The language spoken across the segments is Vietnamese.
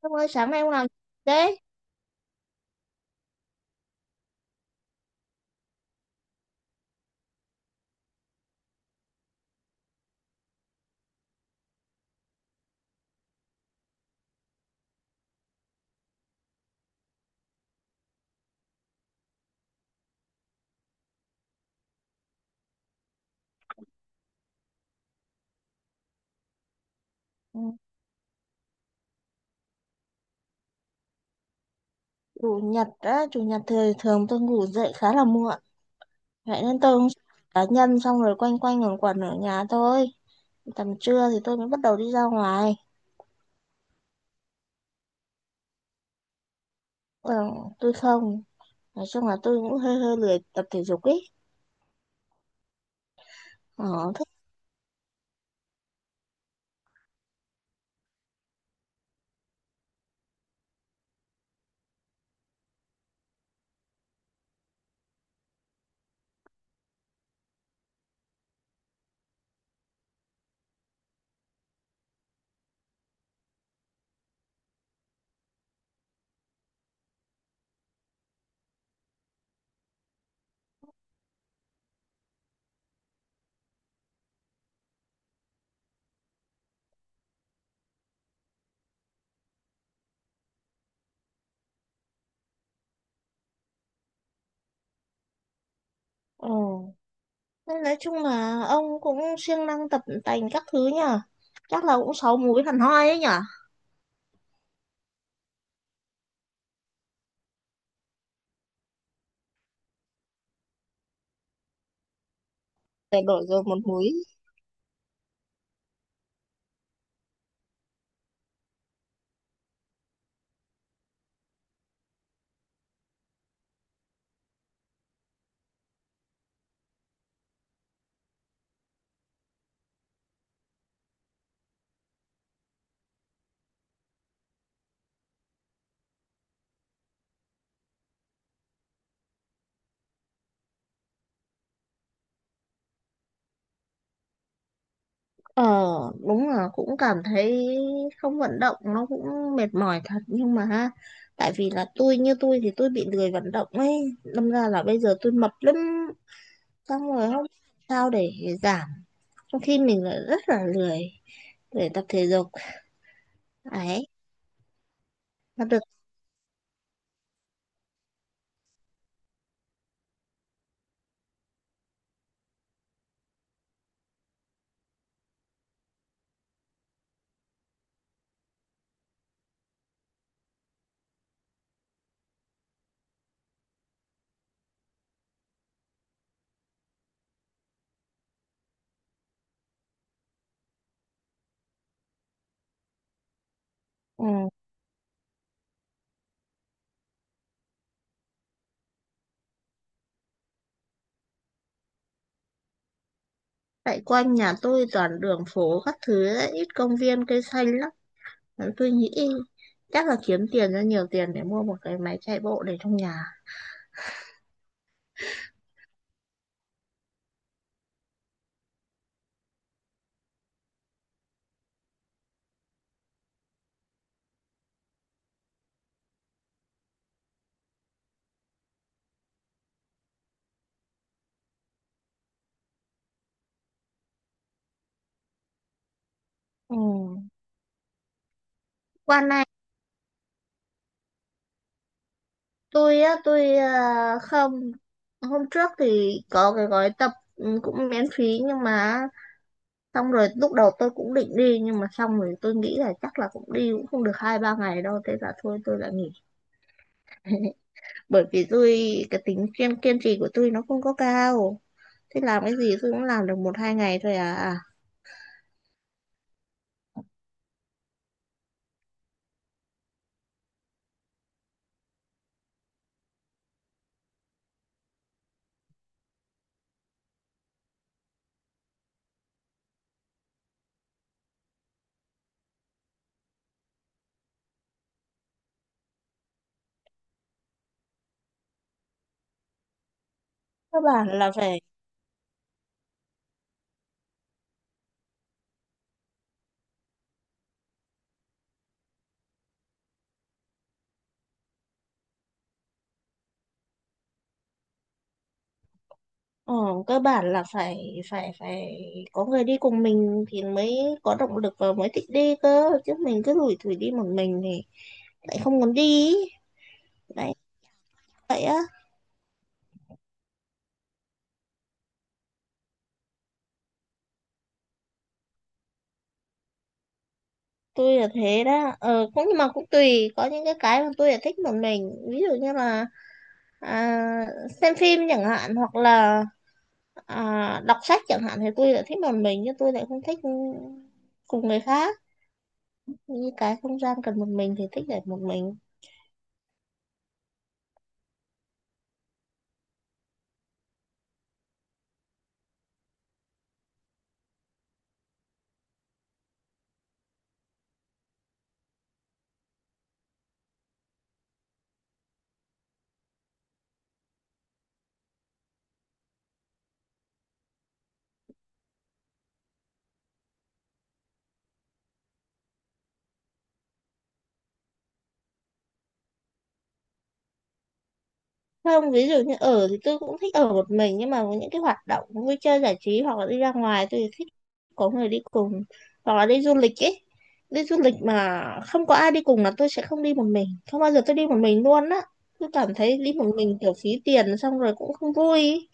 Ông ơi, sáng nay ông làm gì thế? Ừ, chủ nhật á, chủ nhật thì thường tôi ngủ dậy khá là muộn. Vậy nên tôi cũng cá nhân xong rồi quanh quanh quẩn quẩn ở nhà thôi. Tầm trưa thì tôi mới bắt đầu đi ra ngoài. Ừ, tôi không. Nói chung là tôi cũng hơi hơi lười tập thể dục ấy. Ờ, thế. Ừ. Nên nói chung là ông cũng siêng năng tập tành các thứ nhở. Chắc là cũng sáu múi hẳn hoi ấy nhở. Để đổi rồi một múi. Ờ, đúng là cũng cảm thấy không vận động nó cũng mệt mỏi thật, nhưng mà ha, tại vì là tôi, như tôi thì tôi bị lười vận động ấy, đâm ra là bây giờ tôi mập lắm, xong rồi không biết sao để giảm trong khi mình lại rất là lười để tập thể dục ấy mà được. Ừ. Tại quanh nhà tôi toàn đường phố các thứ ấy, ít công viên cây xanh lắm. Nên tôi nghĩ chắc là kiếm tiền ra nhiều tiền để mua một cái máy chạy bộ để trong nhà. Ừ. Qua này tôi không, hôm trước thì có cái gói tập cũng miễn phí, nhưng mà xong rồi lúc đầu tôi cũng định đi, nhưng mà xong rồi tôi nghĩ là chắc là cũng đi cũng không được hai ba ngày đâu, thế là thôi tôi lại nghỉ. Bởi vì tôi, cái tính kiên kiên trì của tôi nó không có cao, thế làm cái gì tôi cũng làm được một hai ngày thôi à. cơ bản là phải ờ, Cơ bản là phải phải phải có người đi cùng mình thì mới có động lực và mới thích đi cơ, chứ mình cứ lủi thủi đi một mình thì lại không muốn đi ý. Đấy. Vậy á, tôi là thế đó, cũng nhưng mà cũng tùy, có những cái mà tôi là thích một mình, ví dụ như là à, xem phim chẳng hạn, hoặc là đọc sách chẳng hạn thì tôi lại thích một mình, nhưng tôi lại không thích cùng người khác, như cái không gian cần một mình thì thích để một mình. Không, ví dụ như ở thì tôi cũng thích ở một mình, nhưng mà có những cái hoạt động vui chơi giải trí hoặc là đi ra ngoài tôi thì thích có người đi cùng, hoặc là đi du lịch ấy. Đi du lịch mà không có ai đi cùng là tôi sẽ không đi một mình, không bao giờ tôi đi một mình luôn á, tôi cảm thấy đi một mình kiểu phí tiền xong rồi cũng không vui ý.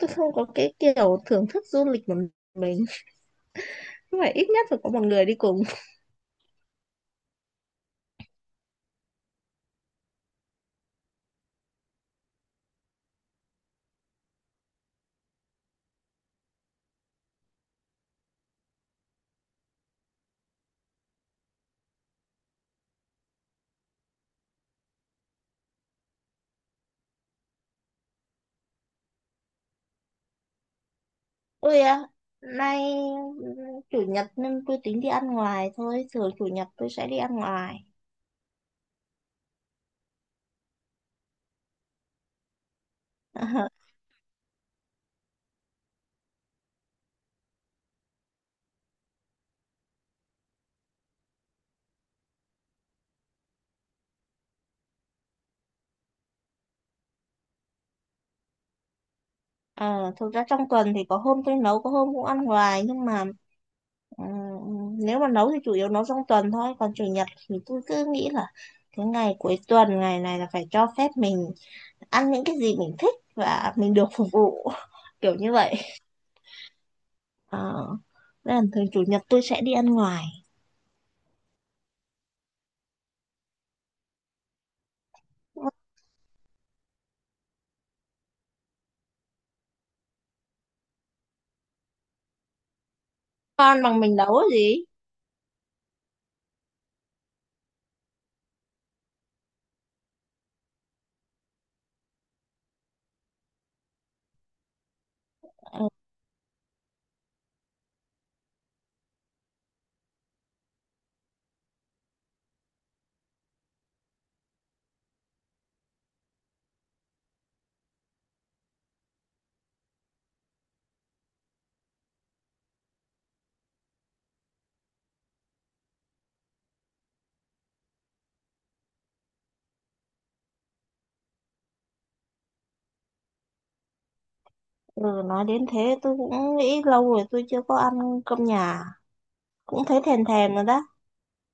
Tôi không có cái kiểu thưởng thức du lịch một mình, nhưng mà ít nhất phải có một người đi cùng. Ôi à, nay chủ nhật nên tôi tính đi ăn ngoài thôi, thường chủ nhật tôi sẽ đi ăn ngoài. Ờ, thực ra trong tuần thì có hôm tôi nấu có hôm cũng ăn ngoài, nhưng mà ừm, nếu mà nấu thì chủ yếu nấu trong tuần thôi, còn chủ nhật thì tôi cứ nghĩ là cái ngày cuối tuần, ngày này là phải cho phép mình ăn những cái gì mình thích và mình được phục vụ kiểu như vậy. ờ, Nên là thường chủ nhật tôi sẽ đi ăn ngoài, con bằng mình nấu gì. Ờ, ừ, nói đến thế tôi cũng nghĩ lâu rồi tôi chưa có ăn cơm nhà, cũng thấy thèm thèm rồi đó.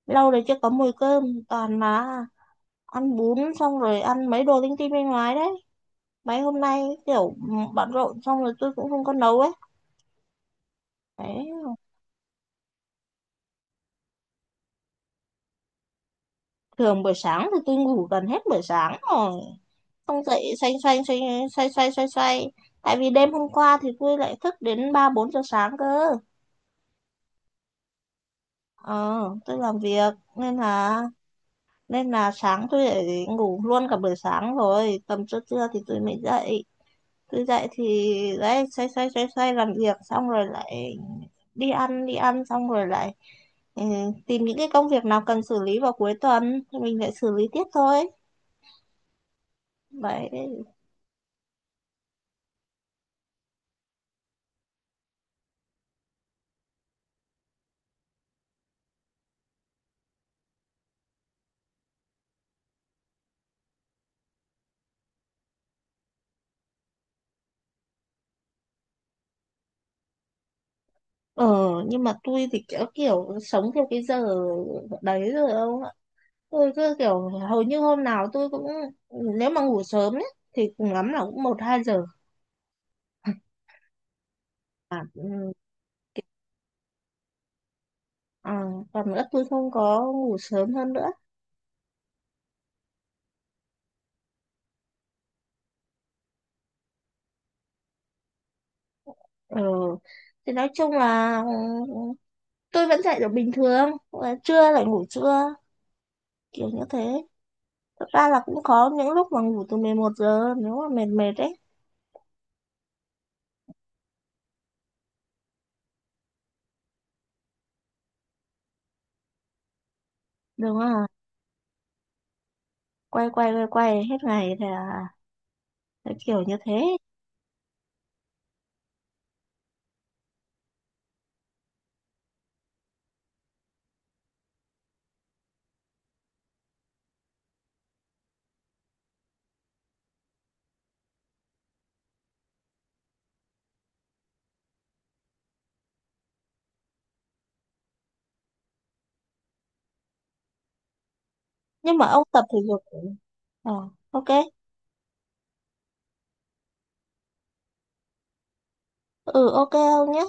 Lâu rồi chưa có mùi cơm, toàn mà ăn bún, xong rồi ăn mấy đồ linh tinh bên ngoài đấy. Mấy hôm nay kiểu bận rộn xong rồi tôi cũng không có nấu ấy. Đấy, thường buổi sáng thì tôi ngủ gần hết buổi sáng rồi, xong dậy xoay xoay xoay xoay xoay xoay xoay, tại vì đêm hôm qua thì tôi lại thức đến ba bốn giờ sáng cơ. Ờ, tôi làm việc, nên là sáng tôi lại ngủ luôn cả buổi sáng rồi, tầm trưa trưa thì tôi mới dậy. Cứ dậy thì đấy, xoay xoay xoay xoay làm việc xong rồi lại đi ăn, đi ăn xong rồi lại ừ, tìm những cái công việc nào cần xử lý vào cuối tuần thì mình lại xử lý tiếp thôi. Đấy. Ờ, nhưng mà tôi thì kiểu sống theo cái giờ đấy rồi ông ạ. Tôi cứ kiểu hầu như hôm nào tôi cũng, nếu mà ngủ sớm ấy thì cùng lắm là cũng một hai giờ. Ừ. À, còn nữa tôi không có ngủ sớm hơn nữa. Ờ, thì nói chung là ừ, tôi vẫn dậy được bình thường và trưa lại ngủ trưa, kiểu như thế. Thật ra là cũng có những lúc mà ngủ từ 11 giờ nếu mà mệt mệt ấy. Đừng à, quay quay quay quay hết ngày thì à, thế kiểu như thế. Nhưng mà ông tập thể dục, ờ ok. Ừ ok ông nhé.